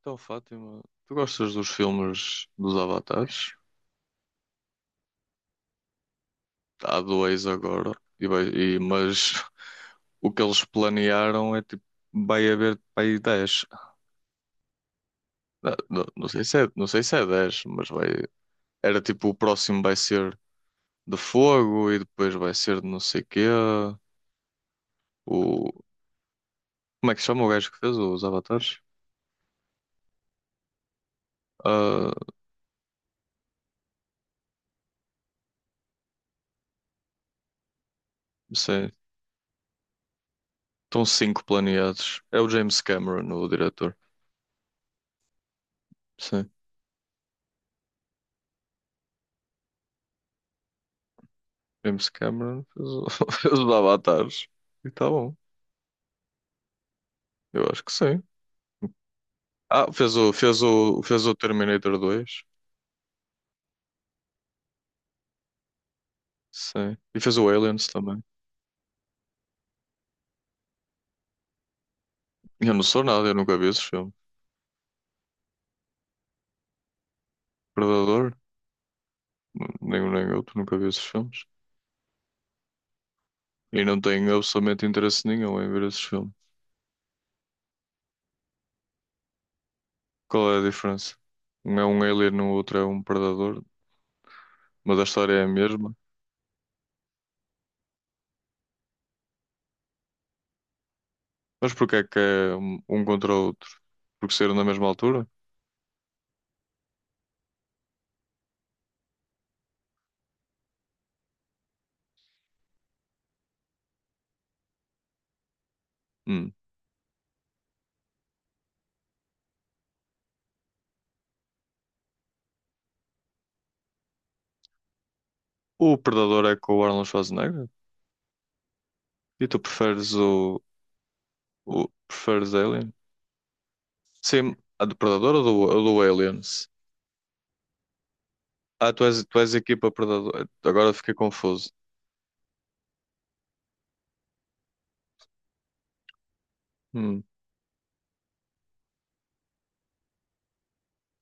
Então, Fátima, tu gostas dos filmes dos Avatares? Há dois agora, mas o que eles planearam é tipo, vai haver para aí 10. Não sei se é, não sei se é 10 mas vai. Era tipo, o próximo vai ser de fogo e depois vai ser de não sei quê. O, como é que se chama o gajo que fez os Avatares? Ah, sim, estão cinco planeados. É o James Cameron, o diretor. Sim. James Cameron fez os Avatares e está bom. Eu acho que sim. Ah, fez o Terminator dois. Sim. E fez o Aliens também. Eu não sou nada, eu nunca vi esses filmes. Predador, nenhum nem outro, nunca vi esses filmes. E não tenho absolutamente interesse nenhum em ver esses filmes. Qual é a diferença? Um é um alien, o outro é um predador, mas a história é a mesma. Mas porquê é que é um contra o outro? Porque saíram na mesma altura? Hum. O predador é com o Arnold Schwarzenegger? E tu preferes o preferes Alien? Sim, a do Predador ou do Aliens? Ah, tu és a equipa Predador. Agora fiquei confuso. Hum.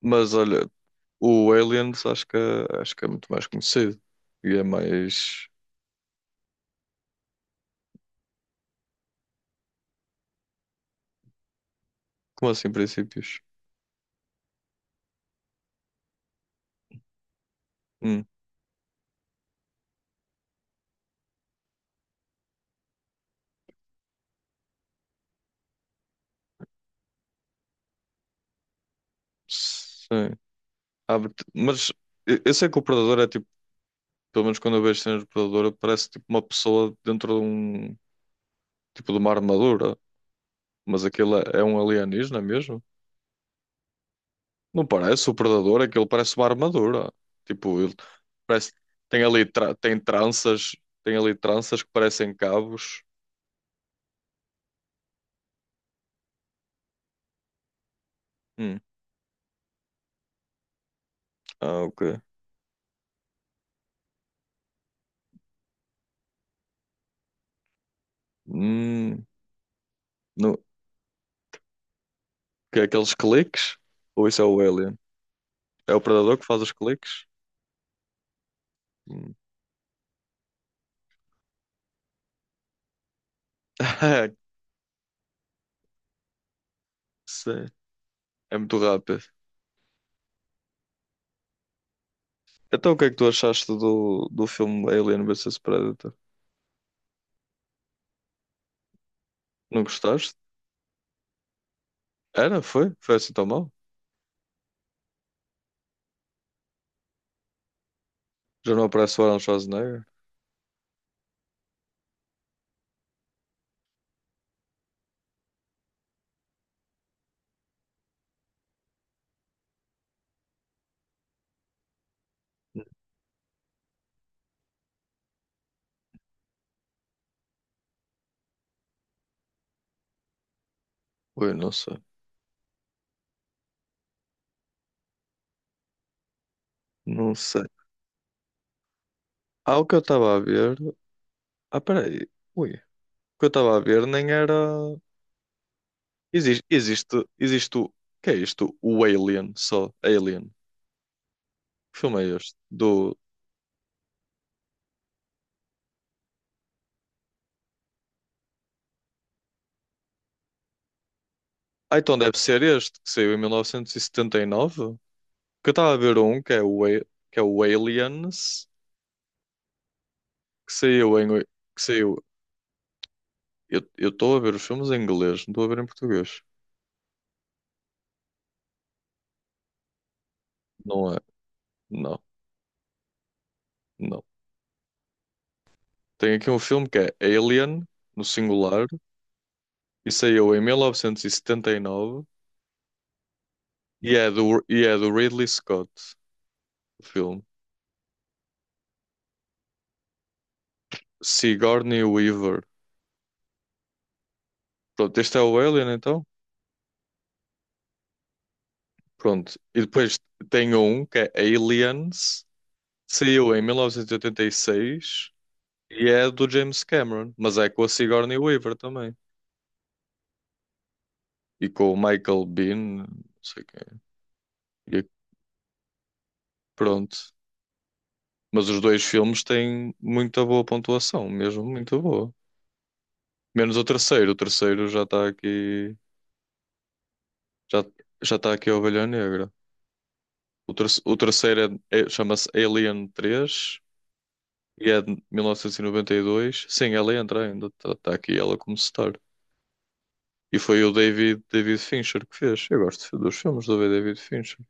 Mas olha, o Aliens acho que é muito mais conhecido. E é mais. Como assim, princípios? Hum. Sim. Mas eu sei que o Predador é tipo, pelo menos quando eu vejo cenas do Predador, parece tipo uma pessoa dentro de um tipo de uma armadura. Mas aquilo é um alienígena mesmo? Não parece o predador, aquilo parece uma armadura. Tipo, ele parece, tem tranças, tem ali tranças que parecem cabos. Hum. Ah, ok. Hum. No... Que é aqueles cliques? Ou isso é o alien? É o predador que faz os cliques? Hum. Sei. É muito rápido. Então o que é que tu achaste do filme Alien versus Predator? Não gostaste? Era? Foi? Foi assim tão mal? Já não aparece o Arnold Schwarzenegger? Ui, não sei. Não sei. Há o que eu estava a ver. Ah, peraí. Ui. O que eu estava a ver nem era. Existe o. Que é isto? O Alien, só. Alien. Que filme é este? Do. Ah, então deve ser este, que saiu em 1979. Que eu estava a ver um, que é o Aliens, que saiu em. oi- Que saiu. Eu estou a ver os filmes em inglês, não estou a ver em português. Não é. Não, não. Tem aqui um filme que é Alien, no singular, e saiu em 1979 e é e é do Ridley Scott, o filme. Sigourney Weaver. Pronto, este é o Alien então. Pronto. E depois tem um que é Aliens. Saiu em 1986 e oitenta e seis e é do James Cameron, mas é com a Sigourney Weaver também. E com o Michael Bean, não sei quem é. E pronto. Mas os dois filmes têm muita boa pontuação, mesmo muito boa. Menos o terceiro. O terceiro já está aqui. Já, já está aqui a Ovelha Negra. O terceiro chama-se Alien 3. E é de 1992. Sim, ela entra ainda. Está aqui ela como star. E foi o David Fincher que fez. Eu gosto dos filmes do David Fincher.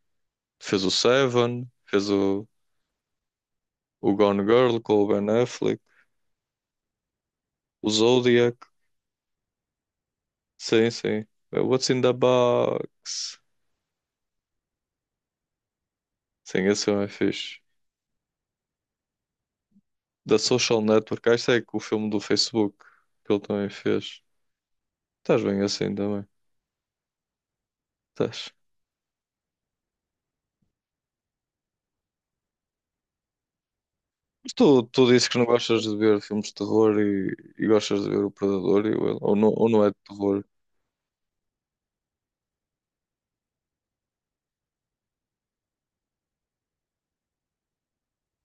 Fez o Seven, o Gone Girl com o Ben Affleck, o Zodiac. Sim, sim. What's in the box? Sim, esse filme é fixe. Da Social Network. Ah, isto é que o filme do Facebook que ele também fez. Estás bem assim também. Estás. Tu dizes que não gostas de ver filmes de terror e gostas de ver O Predador, não, ou não é de terror?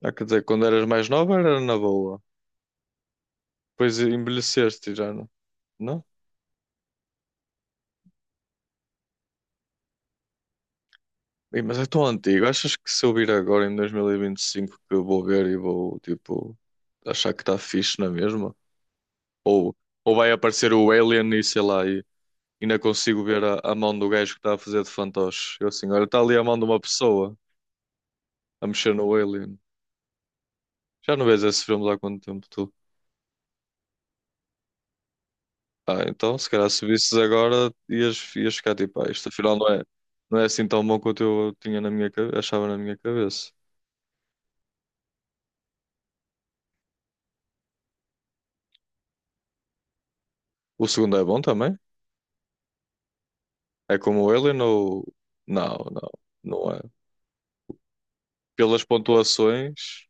Ah, quer dizer, quando eras mais nova era na boa, depois envelheceste e já não. Não? Ei, mas é tão antigo. Achas que se eu vir agora em 2025 que eu vou ver e vou, tipo, achar que está fixe na mesma? Ou, ou vai aparecer o Alien e sei lá, e ainda consigo ver a mão do gajo que está a fazer de fantoche? Eu assim, olha, está ali a mão de uma pessoa a mexer no Alien. Já não vês esses filmes há quanto tempo, tu? Ah, então, se calhar se visses agora, ias ficar tipo, ah, isto afinal não é, não é assim tão bom quanto eu tinha na minha, achava na minha cabeça. O segundo é bom também? É como o Alien ou... Não, não é. Pelas pontuações,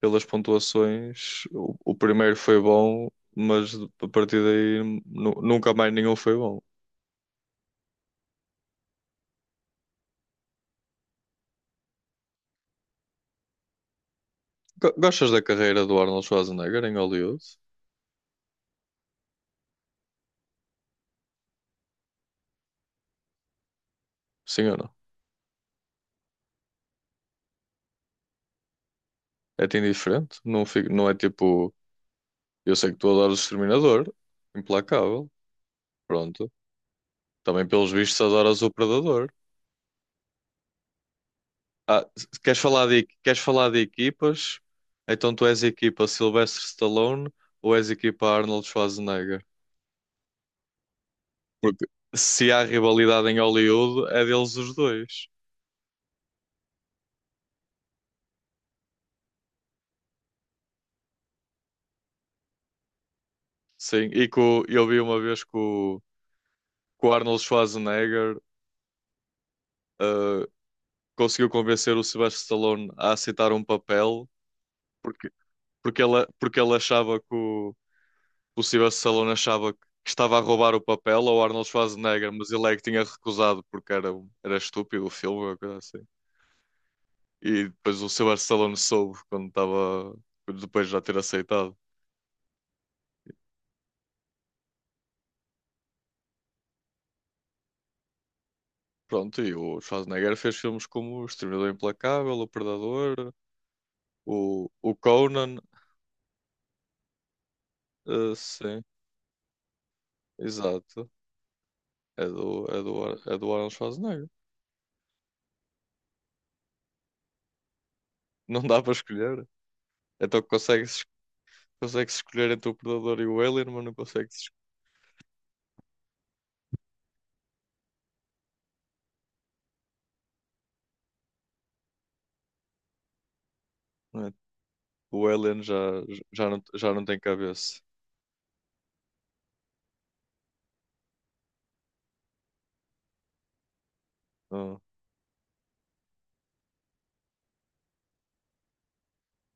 pelas pontuações, o primeiro foi bom, mas a partir daí nunca mais nenhum foi bom. Gostas da carreira do Arnold Schwarzenegger em Hollywood? Sim ou não? É-te indiferente? Não, fico, não é tipo, eu sei que tu adoras o Exterminador, implacável. Pronto. Também, pelos vistos, adoras o Predador. Ah, queres falar de equipas? Então tu és equipa Sylvester Stallone ou és equipa Arnold Schwarzenegger? Porque se há rivalidade em Hollywood, é deles os dois. Sim, e que eu vi uma vez que o Arnold Schwarzenegger ah, conseguiu convencer o Sylvester Stallone a aceitar um papel porque, porque ele achava o Sylvester Stallone achava que estava a roubar o papel ao Arnold Schwarzenegger, mas ele é que tinha recusado porque era, era estúpido o filme, ou coisa assim. E depois o Sylvester Stallone soube quando estava, depois de já ter aceitado. Pronto, e o Schwarzenegger fez filmes como O Exterminador Implacável, O Predador, o Conan, eh, sim, exato. É do Arnold Schwarzenegger. Não dá para escolher. Então consegue escolher entre o Predador e o Alien, mas não consegue-se escolher. O Alien já, já não tem cabeça. Ah,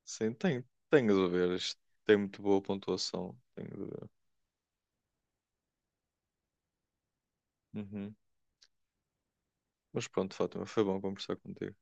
sim, tem, tenho de ver. Isto tem muito boa pontuação. Tenho de ver. Uhum. Mas pronto, Fátima, foi bom conversar contigo.